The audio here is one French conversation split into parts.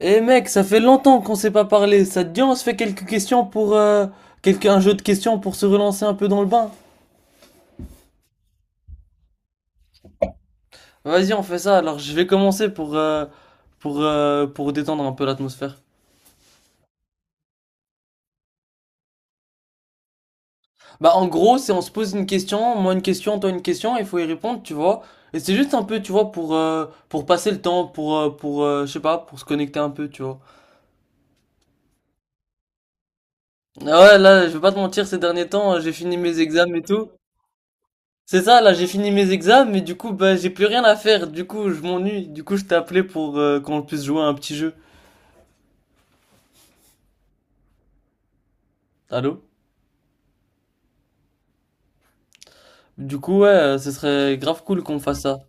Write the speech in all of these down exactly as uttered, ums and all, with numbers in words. Eh mec, ça fait longtemps qu'on s'est pas parlé. Ça te dit, on se fait quelques questions pour euh, quelques- un jeu de questions pour se relancer un peu dans le bain. Vas-y, on fait ça. Alors, je vais commencer pour euh, pour euh, pour détendre un peu l'atmosphère. Bah, en gros, c'est on se pose une question, moi une question, toi une question, il faut y répondre, tu vois. Et c'est juste un peu, tu vois, pour euh, pour passer le temps, pour euh, pour euh, je sais pas, pour se connecter un peu, tu vois. Ah ouais, là, je vais pas te mentir, ces derniers temps, euh, j'ai fini mes examens et tout. C'est ça, là, j'ai fini mes examens, mais du coup, bah, j'ai plus rien à faire. Du coup, je m'ennuie. Du coup, je t'ai appelé pour euh, qu'on puisse jouer à un petit jeu. Allô? Du coup, ouais, euh, ce serait grave cool qu'on fasse ça.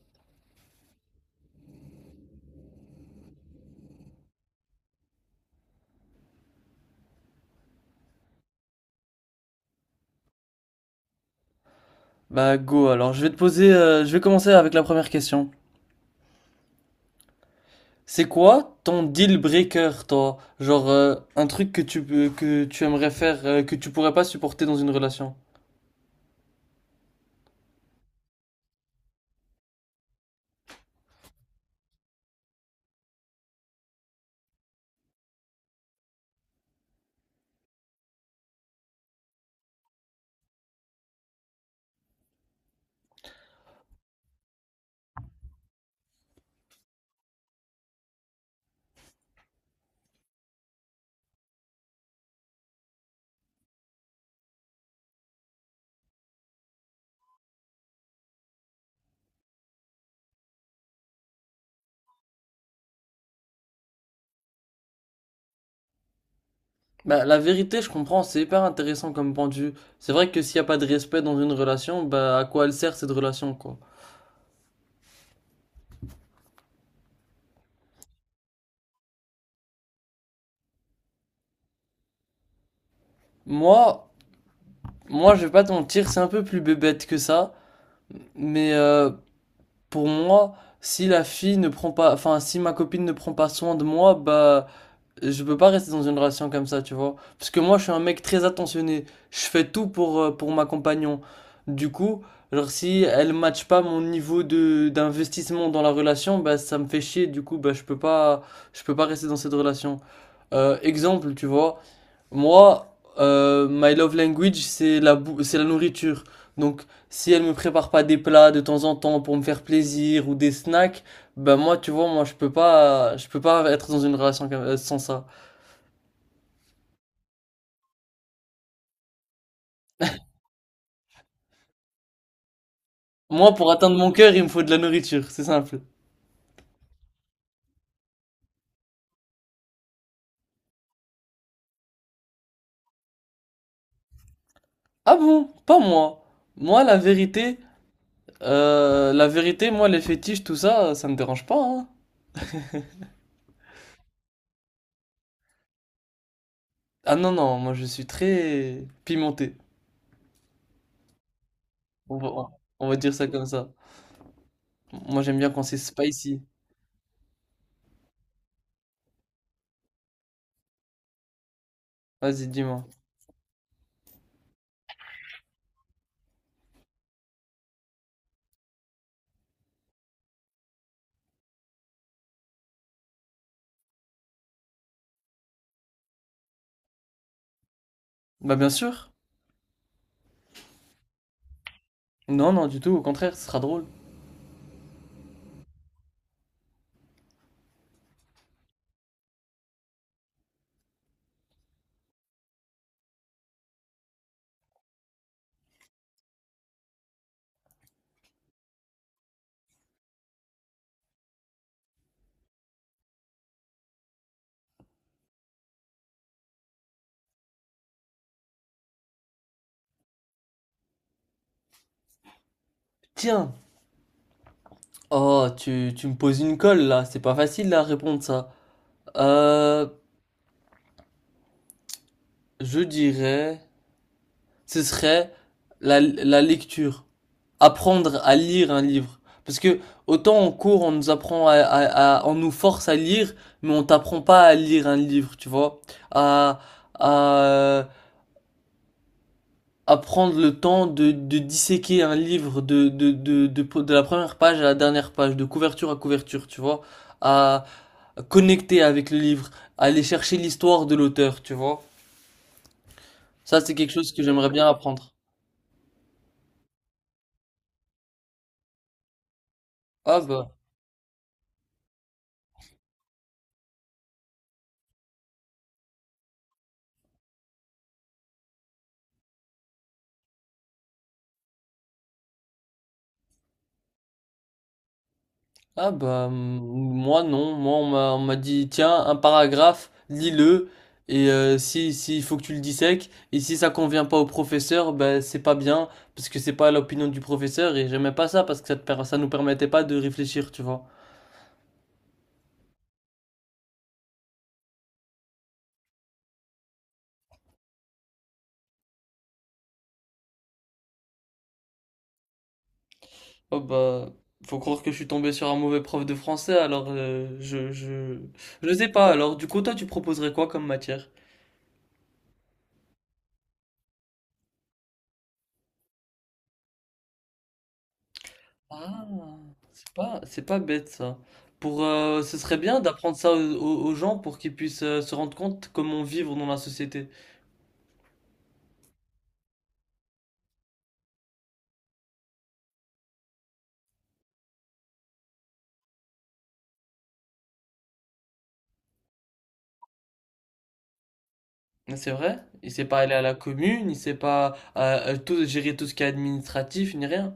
Bah, go, alors, je vais te poser, euh, je vais commencer avec la première question. C'est quoi ton deal breaker, toi? Genre, euh, un truc que tu, euh, que tu aimerais faire, euh, que tu pourrais pas supporter dans une relation? Bah, la vérité, je comprends, c'est hyper intéressant comme pendu. C'est vrai que s'il y a pas de respect dans une relation, bah, à quoi elle sert cette relation, quoi? Moi, Moi, je vais pas te mentir, c'est un peu plus bébête que ça, mais euh, pour moi, si la fille ne prend pas, enfin, si ma copine ne prend pas soin de moi, bah, je peux pas rester dans une relation comme ça, tu vois. Parce que moi, je suis un mec très attentionné. Je fais tout pour, euh, pour ma compagnon. Du coup, alors si elle matche pas mon niveau de, d'investissement dans la relation, bah, ça me fait chier. Du coup, bah, je peux pas, je peux pas rester dans cette relation. Euh, exemple, tu vois. Moi, euh, my love language, c'est la bou- c'est la nourriture. Donc, si elle me prépare pas des plats de temps en temps pour me faire plaisir ou des snacks, ben moi, tu vois, moi, je peux pas, je peux pas être dans une relation comme- euh, sans ça. Moi, pour atteindre mon cœur, il me faut de la nourriture, c'est simple. Ah bon? Pas moi. Moi, la vérité, euh, la vérité, moi, les fétiches, tout ça, ça me dérange pas, hein. Ah non, non, moi, je suis très pimenté. On va, on va dire ça comme ça. Moi, j'aime bien quand c'est spicy. Vas-y, dis-moi. Bah bien sûr. Non, non, du tout, au contraire, ce sera drôle. Tiens, oh, tu, tu me poses une colle là, c'est pas facile à répondre ça. Euh, je dirais, ce serait la, la lecture. Apprendre à lire un livre. Parce que autant en cours, on nous apprend à, à- à- on nous force à lire, mais on t'apprend pas à lire un livre, tu vois. À, à, à prendre le temps de, de disséquer un livre de, de, de, de, de la première page à la dernière page, de couverture à couverture, tu vois, à connecter avec le livre, à aller chercher l'histoire de l'auteur, tu vois. Ça, c'est quelque chose que j'aimerais bien apprendre. Ah bah, ah bah, m- moi non, moi on m'a on m'a dit, tiens, un paragraphe, lis-le, et euh, si, si, il faut que tu le dissèques, et si ça convient pas au professeur, ben c'est pas bien, parce que c'est pas l'opinion du professeur, et j'aimais pas ça, parce que ça, te per- ça nous permettait pas de réfléchir, tu vois. Oh bah, faut croire que je suis tombé sur un mauvais prof de français, alors euh, je, je, je sais pas. Alors du coup, toi, tu proposerais quoi comme matière? Ah, c'est pas, c'est pas bête ça. Pour, euh, ce serait bien d'apprendre ça aux, aux- aux gens pour qu'ils puissent euh, se rendre compte comment vivre dans la société. Mais c'est vrai? Il sait pas aller à la commune, il sait pas euh, euh, tout, gérer tout ce qui est administratif, ni rien.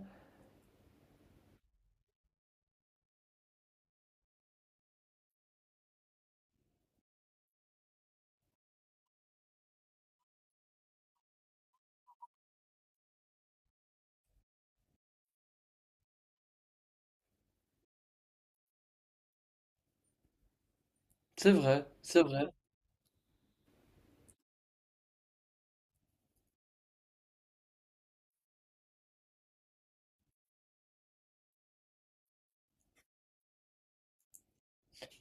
C'est vrai, c'est vrai.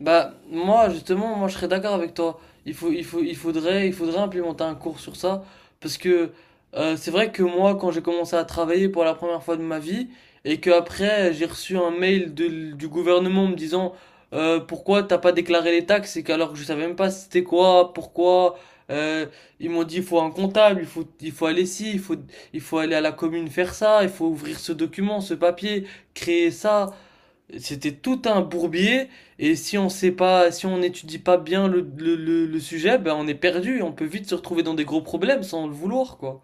Bah, moi, justement, moi, je serais d'accord avec toi. Il faut, il faut, il faudrait, il faudrait implémenter un cours sur ça. Parce que euh, c'est vrai que moi, quand j'ai commencé à travailler pour la première fois de ma vie, et que après j'ai reçu un mail de- du gouvernement me disant euh, pourquoi t'as pas déclaré les taxes, et qu'alors que je savais même pas c'était quoi, pourquoi. euh, Ils m'ont dit il faut un comptable, il faut, il faut aller ici, il faut, il faut aller à la commune faire ça, il faut ouvrir ce document, ce papier, créer ça. C'était tout un bourbier et si on sait pas, si on n'étudie pas bien le, le, le- le sujet, ben on est perdu, on peut vite se retrouver dans des gros problèmes sans le vouloir, quoi.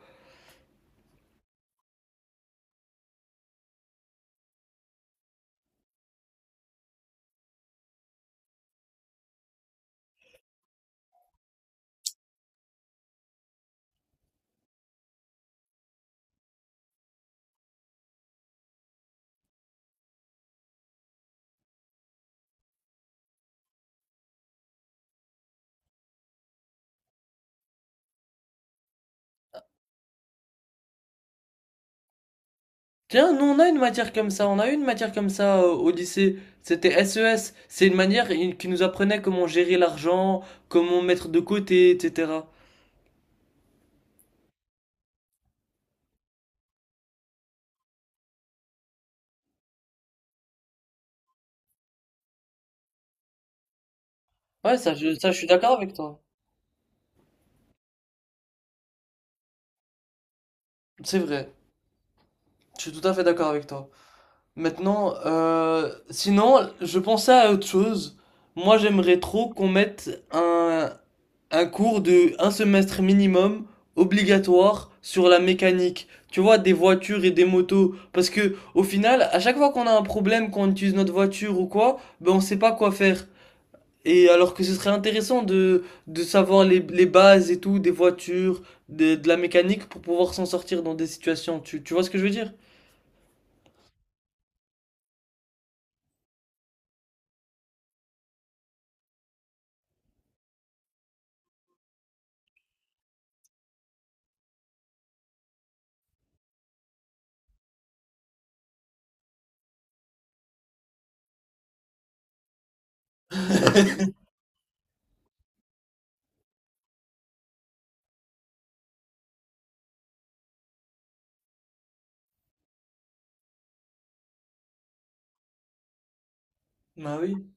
Tiens, nous on a une matière comme ça, on a eu une matière comme ça euh, au lycée. C'était S E S, c'est une manière i- qui nous apprenait comment gérer l'argent, comment mettre de côté, et cetera. Ouais, ça je, ça je suis d'accord avec toi. C'est vrai, je suis tout à fait d'accord avec toi. Maintenant, euh, sinon, je pensais à autre chose. Moi, j'aimerais trop qu'on mette un, un cours de un semestre minimum obligatoire sur la mécanique. Tu vois, des voitures et des motos. Parce que, au final, à chaque fois qu'on a un problème, qu'on utilise notre voiture ou quoi, ben, on sait pas quoi faire. Et alors que ce serait intéressant de, de savoir les, les bases et tout, des voitures, de, de la mécanique pour pouvoir s'en sortir dans des situations. Tu, tu vois ce que je veux dire? Bah oui.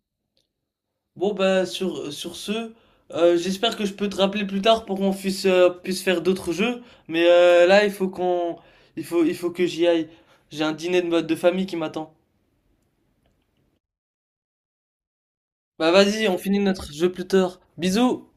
Bon bah sur, sur ce, euh, j'espère que je peux te rappeler plus tard pour qu'on puisse, euh, puisse faire d'autres jeux, mais euh, là il faut qu'on il faut il faut que j'y aille. J'ai un dîner de, de famille qui m'attend. Bah vas-y, on finit notre jeu plus tard. Bisous!